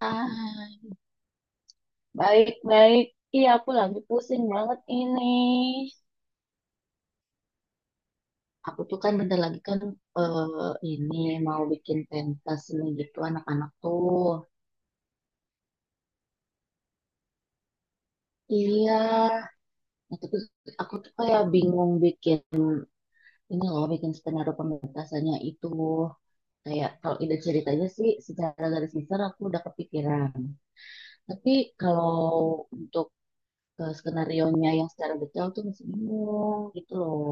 Ah, baik-baik. Iya, aku lagi pusing banget ini. Aku tuh kan bentar lagi kan ini mau bikin pentas nih gitu anak-anak tuh. Iya, nah, tapi aku tuh kayak bingung bikin ini loh, bikin skenario pementasannya itu. Kayak kalau ide ceritanya sih secara garis besar aku udah kepikiran. Tapi kalau untuk skenarionya yang secara detail tuh masih bingung gitu loh.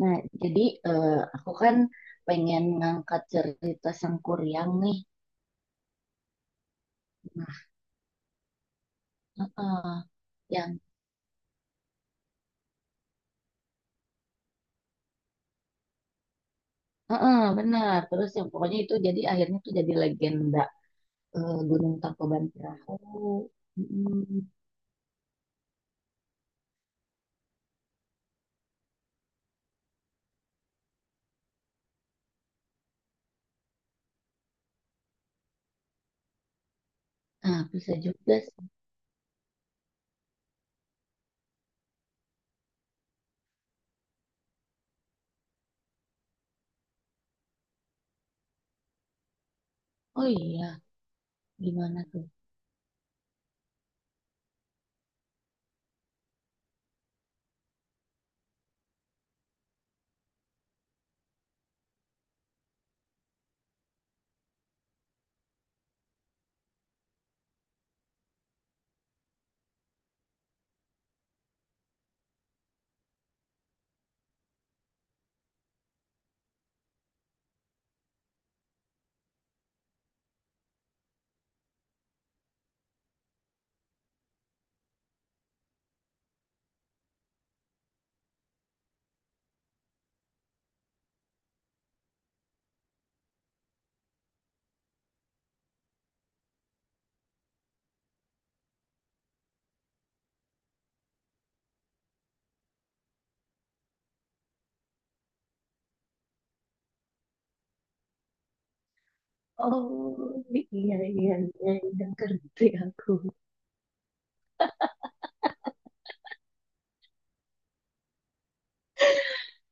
Nah, jadi eh, aku kan pengen ngangkat cerita Sangkuriang nih. Nah, heeh, yang heeh, benar. Terus yang pokoknya itu jadi akhirnya tuh jadi legenda Gunung Tangkuban Perahu. Mm-mm. Nah, bisa juga sih. Oh iya, gimana tuh? Oh iya iya iya, udah ngerti aku.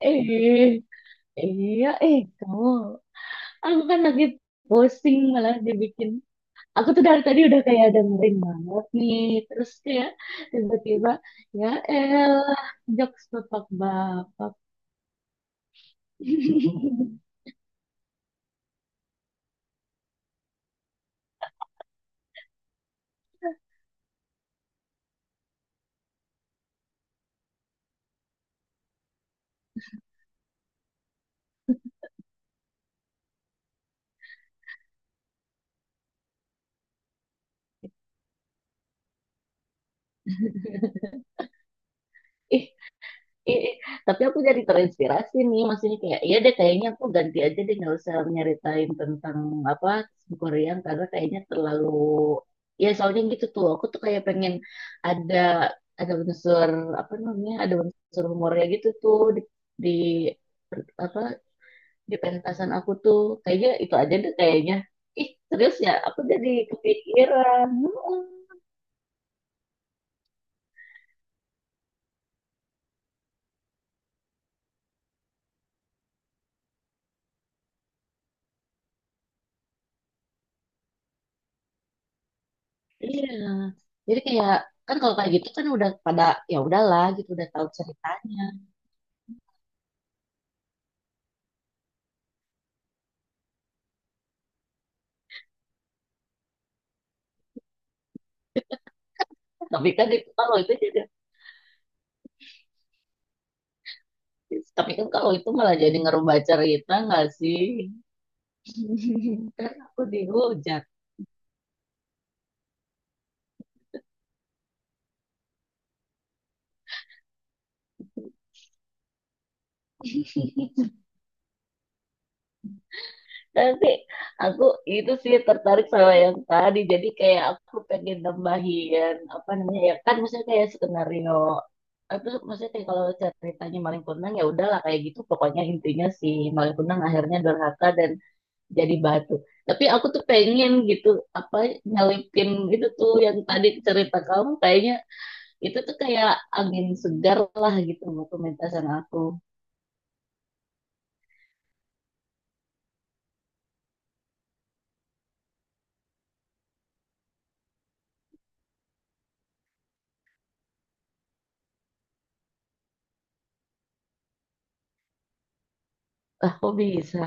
Eh iya, kamu, aku kan lagi posting malah dibikin aku tuh dari tadi udah kayak dengerin banget nih. Terus kayak tiba-tiba, ya elah, jokes bapak-bapak. Ih, ih, ih. Tapi aku jadi terinspirasi nih. Maksudnya kayak, iya deh kayaknya aku ganti aja deh nggak usah nyeritain tentang apa Korean karena kayaknya terlalu, ya soalnya gitu tuh aku tuh kayak pengen ada ada unsur apa namanya, ada unsur humornya gitu tuh di apa di pentasan aku tuh kayaknya itu aja deh kayaknya, ih serius ya aku jadi kepikiran. Heeh. Iya, jadi kayak kan kalau kayak gitu kan udah pada ya udahlah gitu udah tahu ceritanya. Tapi kan itu kalau itu jadi, tapi kan kalau itu malah jadi ngerubah cerita nggak sih? Kan aku dihujat. Tapi aku itu sih tertarik sama yang tadi. Jadi kayak aku pengen nambahin apa namanya ya kan, misalnya kayak skenario apa sih, maksudnya kayak kalau ceritanya maling kundang ya udahlah kayak gitu, pokoknya intinya si maling kundang akhirnya durhaka dan jadi batu. Tapi aku tuh pengen gitu apa nyelipin gitu tuh yang tadi cerita kamu, kayaknya itu tuh kayak angin segar lah gitu buat pementasan aku. Ah kok bisa?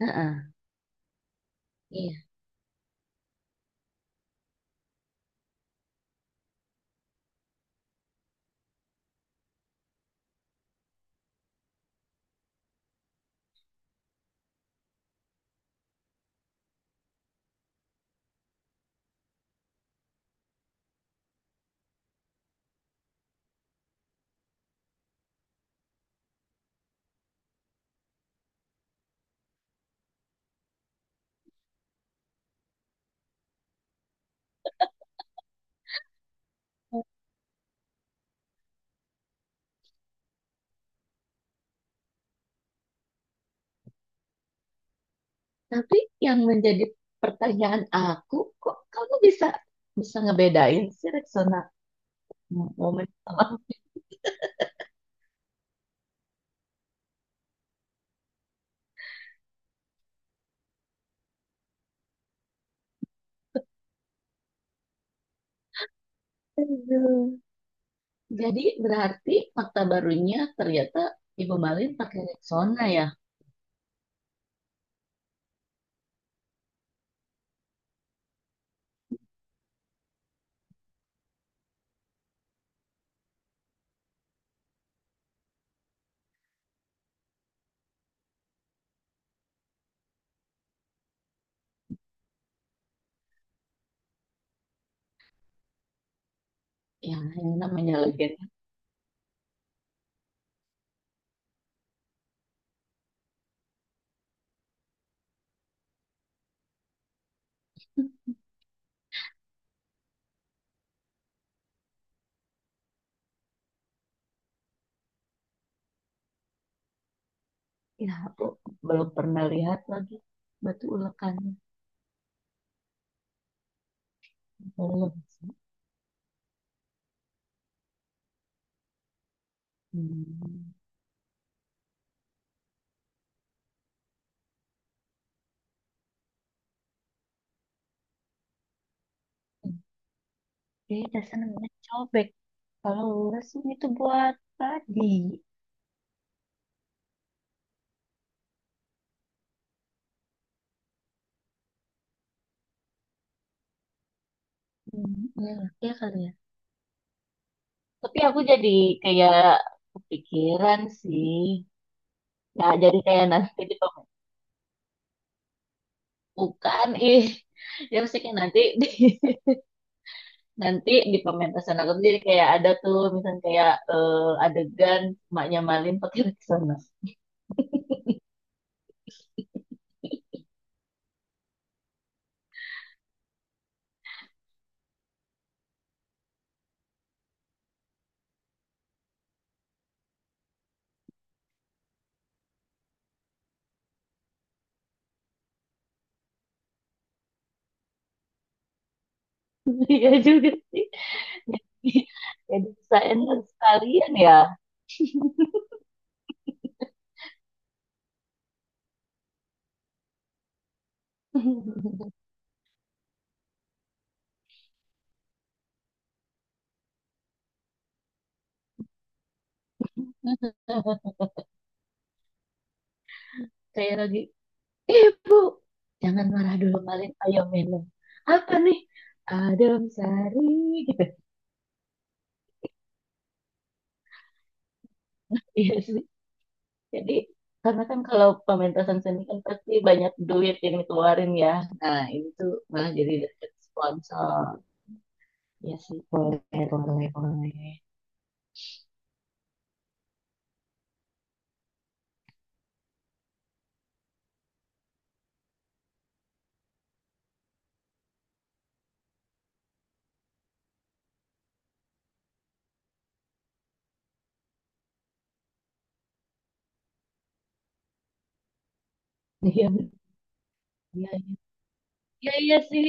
Heeh. Iya. Tapi yang menjadi pertanyaan aku, kok kamu bisa bisa ngebedain sih Rexona momen sama? Aduh. Jadi berarti fakta barunya ternyata Ibu Malin pakai Rexona ya? Ya, yang namanya legenda. Ya, aku belum pernah lihat lagi batu ulekannya. Belum. Hmm. Beda namanya cobek. Kalau lurus ini tuh buat tadi. Hmm, ya iya kali ya. Tapi aku jadi kayak kepikiran sih. Ya, jadi kayak nanti di pemasukan ih. Ya mesti kayak nanti di, nanti di pementasan aku tuh jadi kayak ada tuh misalnya kayak adegan maknya Malin pakai sana. Iya juga sih. Jadi saya sekalian ya. Kayak lagi, ibu, jangan marah dulu Malin, ayo minum. Apa nih? Adem sari gitu. Iya, jadi karena kan kalau pementasan seni kan pasti banyak duit yang dikeluarin ya. Nah, ini tuh malah jadi dapet sponsor. Ya sih, boleh, boleh, boleh. Iya, iya, iya. Iya, iya sih.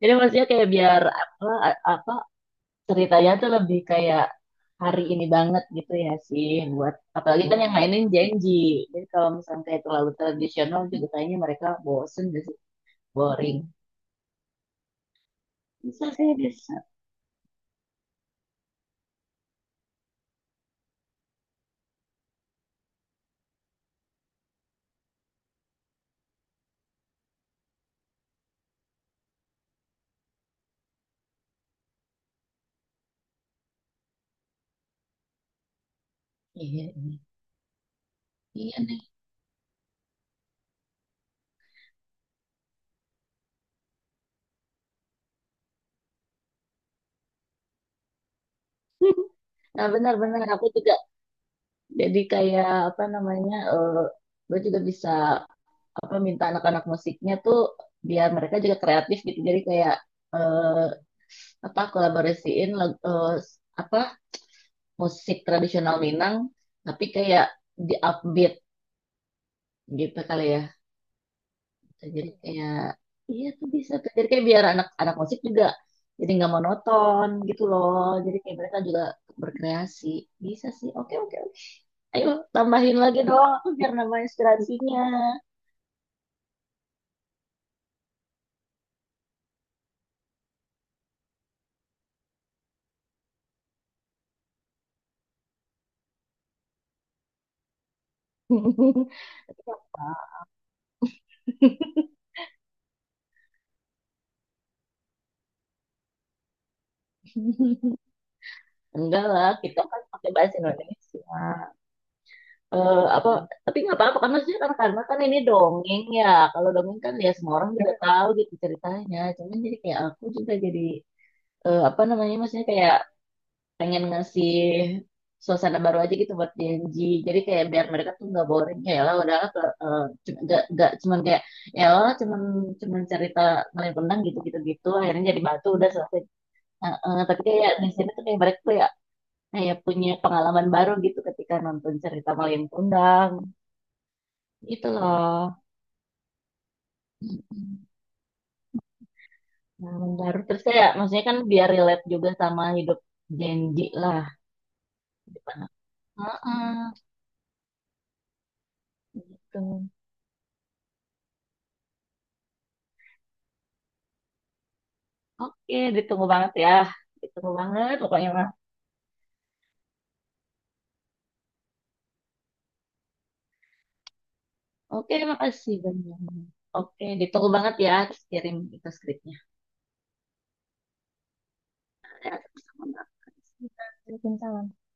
Jadi maksudnya kayak biar apa, apa ceritanya tuh lebih kayak hari ini banget gitu ya sih, buat apalagi kan yang mainin janji. Jadi kalau misalnya kayak terlalu tradisional juga kayaknya mereka bosen gitu, boring. Bisa sih, bisa. Iya, iya nih. Nah, benar-benar aku juga. Jadi kayak apa namanya, gue juga bisa apa minta anak-anak musiknya tuh biar mereka juga kreatif gitu. Jadi kayak eh apa kolaborasiin apa musik tradisional Minang, tapi kayak di upbeat gitu kali ya. Jadi kayak iya tuh bisa tuh. Jadi kayak biar anak-anak musik juga jadi nggak monoton gitu loh. Jadi kayak mereka juga berkreasi. Bisa sih. Oke oke oke. Ayo tambahin lagi dong aku biar nambah inspirasinya. Enggak lah, kita kan pakai bahasa Indonesia. Eh, apa? Tapi nggak apa-apa kan maksudnya karena kan ini dongeng ya. Kalau dongeng kan ya semua orang juga tahu gitu ceritanya. Cuman jadi kayak aku juga jadi apa namanya, maksudnya kayak pengen ngasih suasana baru aja gitu buat Gen. Jadi kayak biar mereka tuh nggak boring ya lah udahlah eh, cu- nggak cuman kayak ya lah cuman cuman cerita ngelempeng gitu gitu gitu akhirnya jadi batu udah selesai. Eh, eh, tapi kayak di sini tuh kayak mereka tuh ya kayak punya pengalaman baru gitu ketika nonton cerita Malin Kundang itu loh, pengalaman baru. Terus saya maksudnya kan biar relate juga sama hidup Genji lah di depan. Heeh, gitu, oke ditunggu banget ya, ditunggu banget pokoknya mah. Oke makasih banyak, oke ditunggu banget ya, terus kirim itu skripnya, ya, sama-sama. Waalaikumsalam.